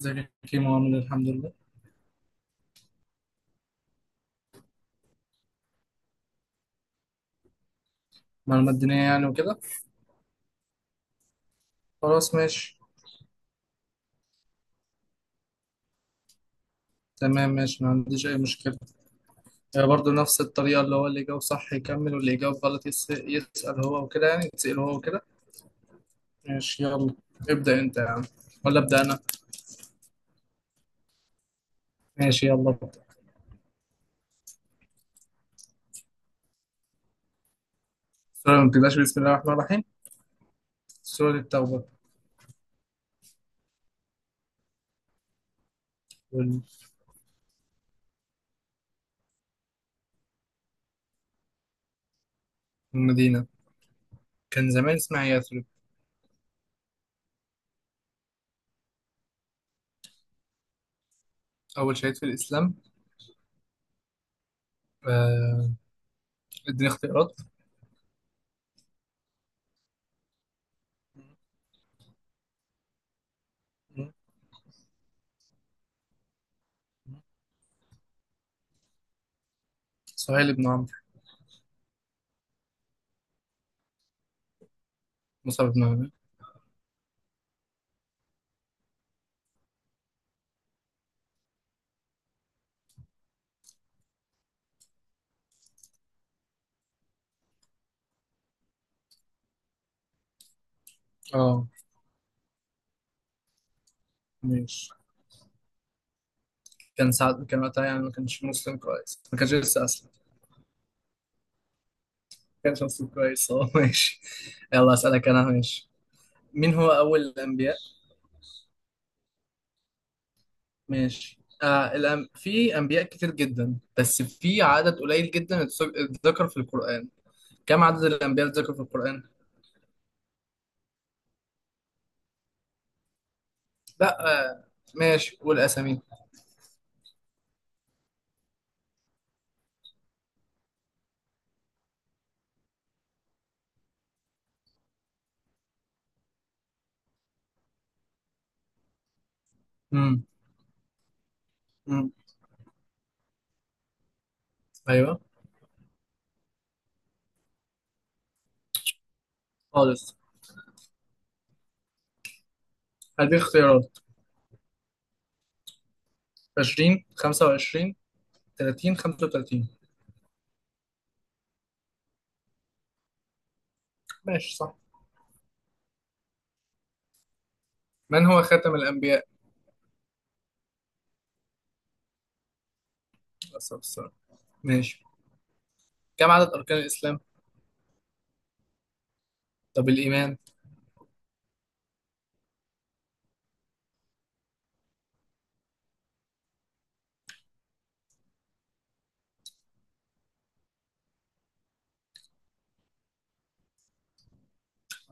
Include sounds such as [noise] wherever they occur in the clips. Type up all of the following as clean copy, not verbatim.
ازيك يا كيمو عامل إيه؟ الحمد لله. معلومات دينية يعني وكده. خلاص ماشي. تمام ماشي، ما عنديش أي مشكلة. آه، برضو نفس الطريقة، اللي هو اللي يجاوب صح يكمل واللي يجاوب غلط يسأل هو وكده، يعني يتسأل هو وكده. ماشي يلا. ابدأ أنت يا عم، ولا أبدأ أنا؟ ماشي يلا ابدأ. سورة ما بتبدأش بسم الله الرحمن الرحيم. سورة التوبة. والمدينة كان زمان اسمها يثرب. أول شهيد في الإسلام. آه، اديني اختيارات. م- م- م- سهيل بن عمرو. مصعب بن عمرو. اه ماشي. كان ساعات كان وقتها، يعني ما كانش مسلم كويس، ما كانش لسه أسلم. ما كانش مسلم كويس. [laughs] هو ماشي. يلا أسألك أنا، ماشي. مين هو أول الأنبياء؟ ماشي. في أنبياء كتير جدا، بس في عدد قليل جدا اتذكر في القرآن. كم عدد الأنبياء اللي اتذكروا في القرآن؟ لا ماشي، قول أسامي. امم. امم. أيوه خالص. هدي اختيارات. 20، 25، 30، 35. ماشي صح. من هو خاتم الأنبياء؟ بس بس. ماشي. كم عدد أركان الإسلام؟ طب الإيمان؟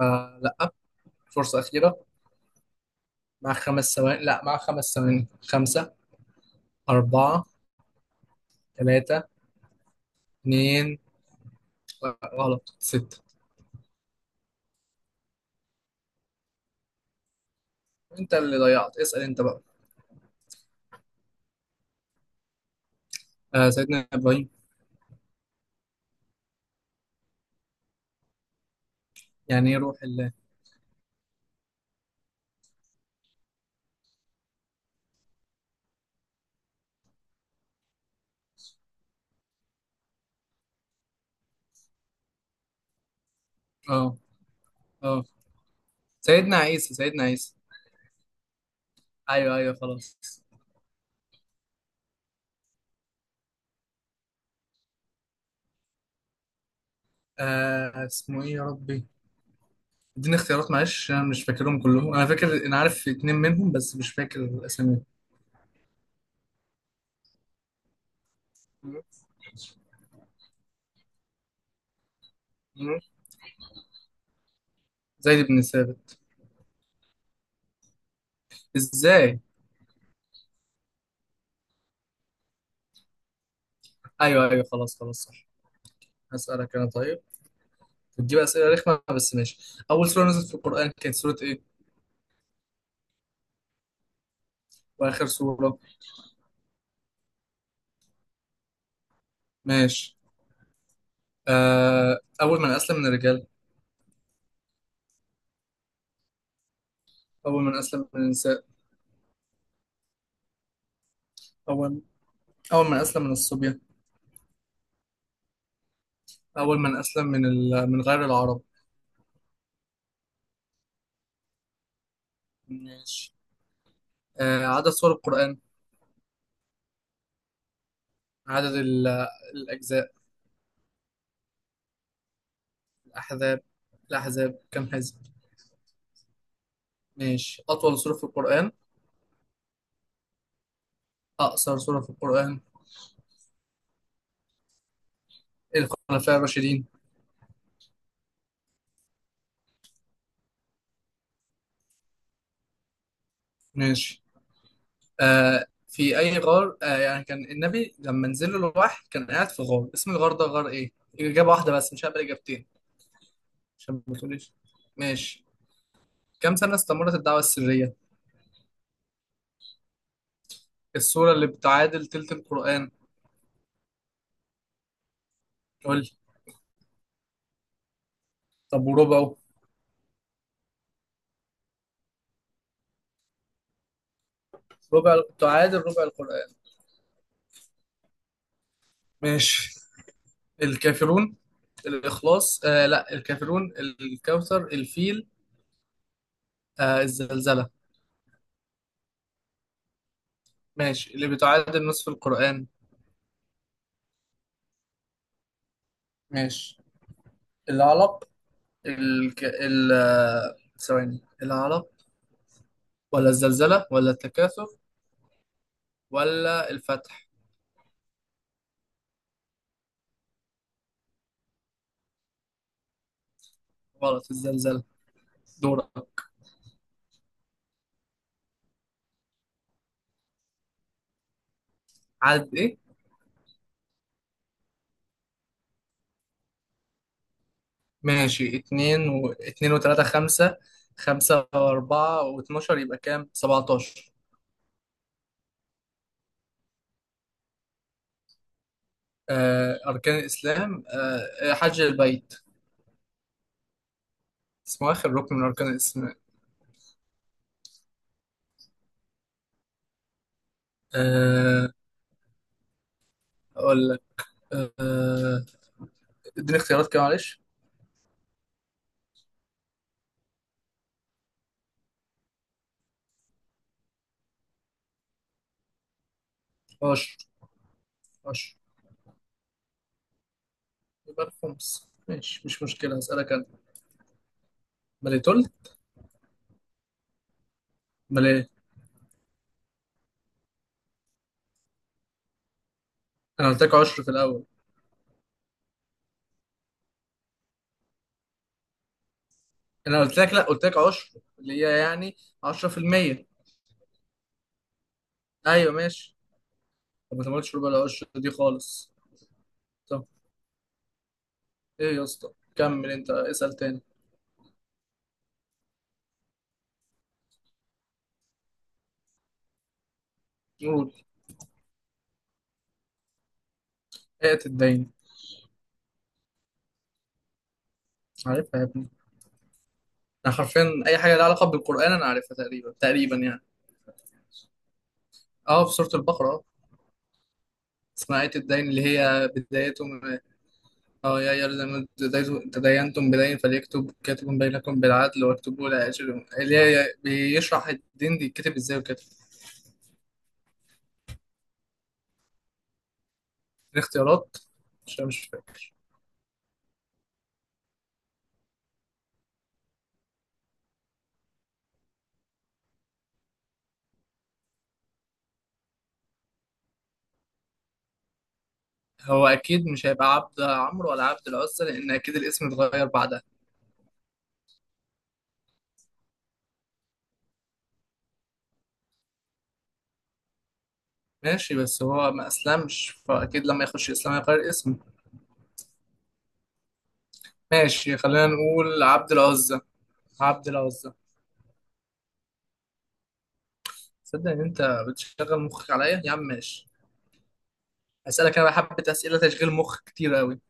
آه لأ، فرصة أخيرة. مع 5 ثواني، لأ مع 5 ثواني. خمسة، أربعة، ثلاثة، اتنين. لأ، غلط، ستة. أنت اللي ضيعت، اسأل أنت بقى. آه سيدنا إبراهيم. يعني إيه روح الله؟ آه. آه سيدنا عيسى، سيدنا عيسى. أيوه أيوه خلاص. اسمه إيه يا ربي؟ اديني اختيارات معلش، أنا مش فاكرهم كلهم، أنا فاكر، أنا عارف اتنين منهم بس مش فاكر الأسامي. م- م- زيد بن ثابت. إزاي؟ ايوه ايوه خلاص خلاص صح. هسألك انا طيب، بتجيب اسئله رخمه بس ماشي. اول سوره نزلت في القران كانت سوره ايه؟ واخر سوره؟ ماشي. اول من اسلم من الرجال؟ اول من اسلم من النساء؟ اول اول من اسلم من الصبية؟ اول من اسلم من غير العرب؟ ماشي. عدد سور القران؟ عدد الاجزاء؟ الاحزاب الاحزاب كم حزب؟ ماشي. اطول سوره في القران؟ اقصر سوره في القران؟ الخلفاء الراشدين؟ ماشي. في اي غار، يعني كان النبي لما نزل له الوحي كان قاعد في غار، اسم الغار ده غار ايه؟ اجابه واحده بس، مش هقبل اجابتين، عشان ما تقوليش. ماشي. كم سنه استمرت الدعوه السريه؟ السوره اللي بتعادل تلت القران؟ قول لي. طب وربعه؟ ربع تعادل ربع القران. ماشي. الكافرون، الاخلاص، آه لا، الكافرون، الكوثر، الفيل، الزلزله. ماشي. اللي بتعادل نصف القران؟ ماشي. العلق، الك... ال آه، ثواني، العرب، ولا الزلزلة، ولا التكاثر، ولا الفتح؟ غلط. الزلزلة. دورة. عدد ايه؟ ماشي. اتنين وتلاتة، خمسة. خمسة وأربعة واتناشر، يبقى كام؟ 17. أركان الإسلام، حج البيت. اسمه إيه؟ آخر ركن من أركان الإسلام. آه أقول لك. آه اديني اختيارات كده معلش. عشر. عشر. يبقى الخمس، ماشي مش مشكلة، هسألك أنا. مليتول. ملي. انا قلت لك عشر في الاول. انا قلت لك، لا قلت لك عشر، اللي هي يعني 10%. ايوه ماشي. طب ما تقولش ربع العشر دي خالص. طب، ايه يا اسطى؟ كمل انت، اسال تاني. قول. ايه الدين؟ عارفها يا ابني، انا حرفيا اي حاجه لها علاقه بالقران انا عارفها تقريبا تقريبا يعني. اه في سوره البقره، اه اسمها آية الدين، اللي هي بدايته يا أيها الذين آمنوا تداينتم بدين فليكتب كاتب بينكم بالعدل واكتبوا، إلى آخر، اللي هي بيشرح الدين دي يتكتب ازاي وكده. الاختيارات، عشان مش فاكر. هو اكيد مش هيبقى عبد عمرو ولا عبد العزة، لان اكيد الاسم اتغير بعدها. ماشي بس هو ما اسلمش، فاكيد لما يخش الاسلام هيغير اسمه. ماشي خلينا نقول عبد العزة. عبد العزة. تصدق ان انت بتشغل مخك عليا يا عم؟ ماشي. هسألك انا بقى حبة اسئلة تشغيل مخ كتير قوي.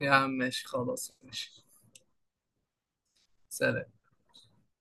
يا عم ماشي خلاص ماشي. سلام.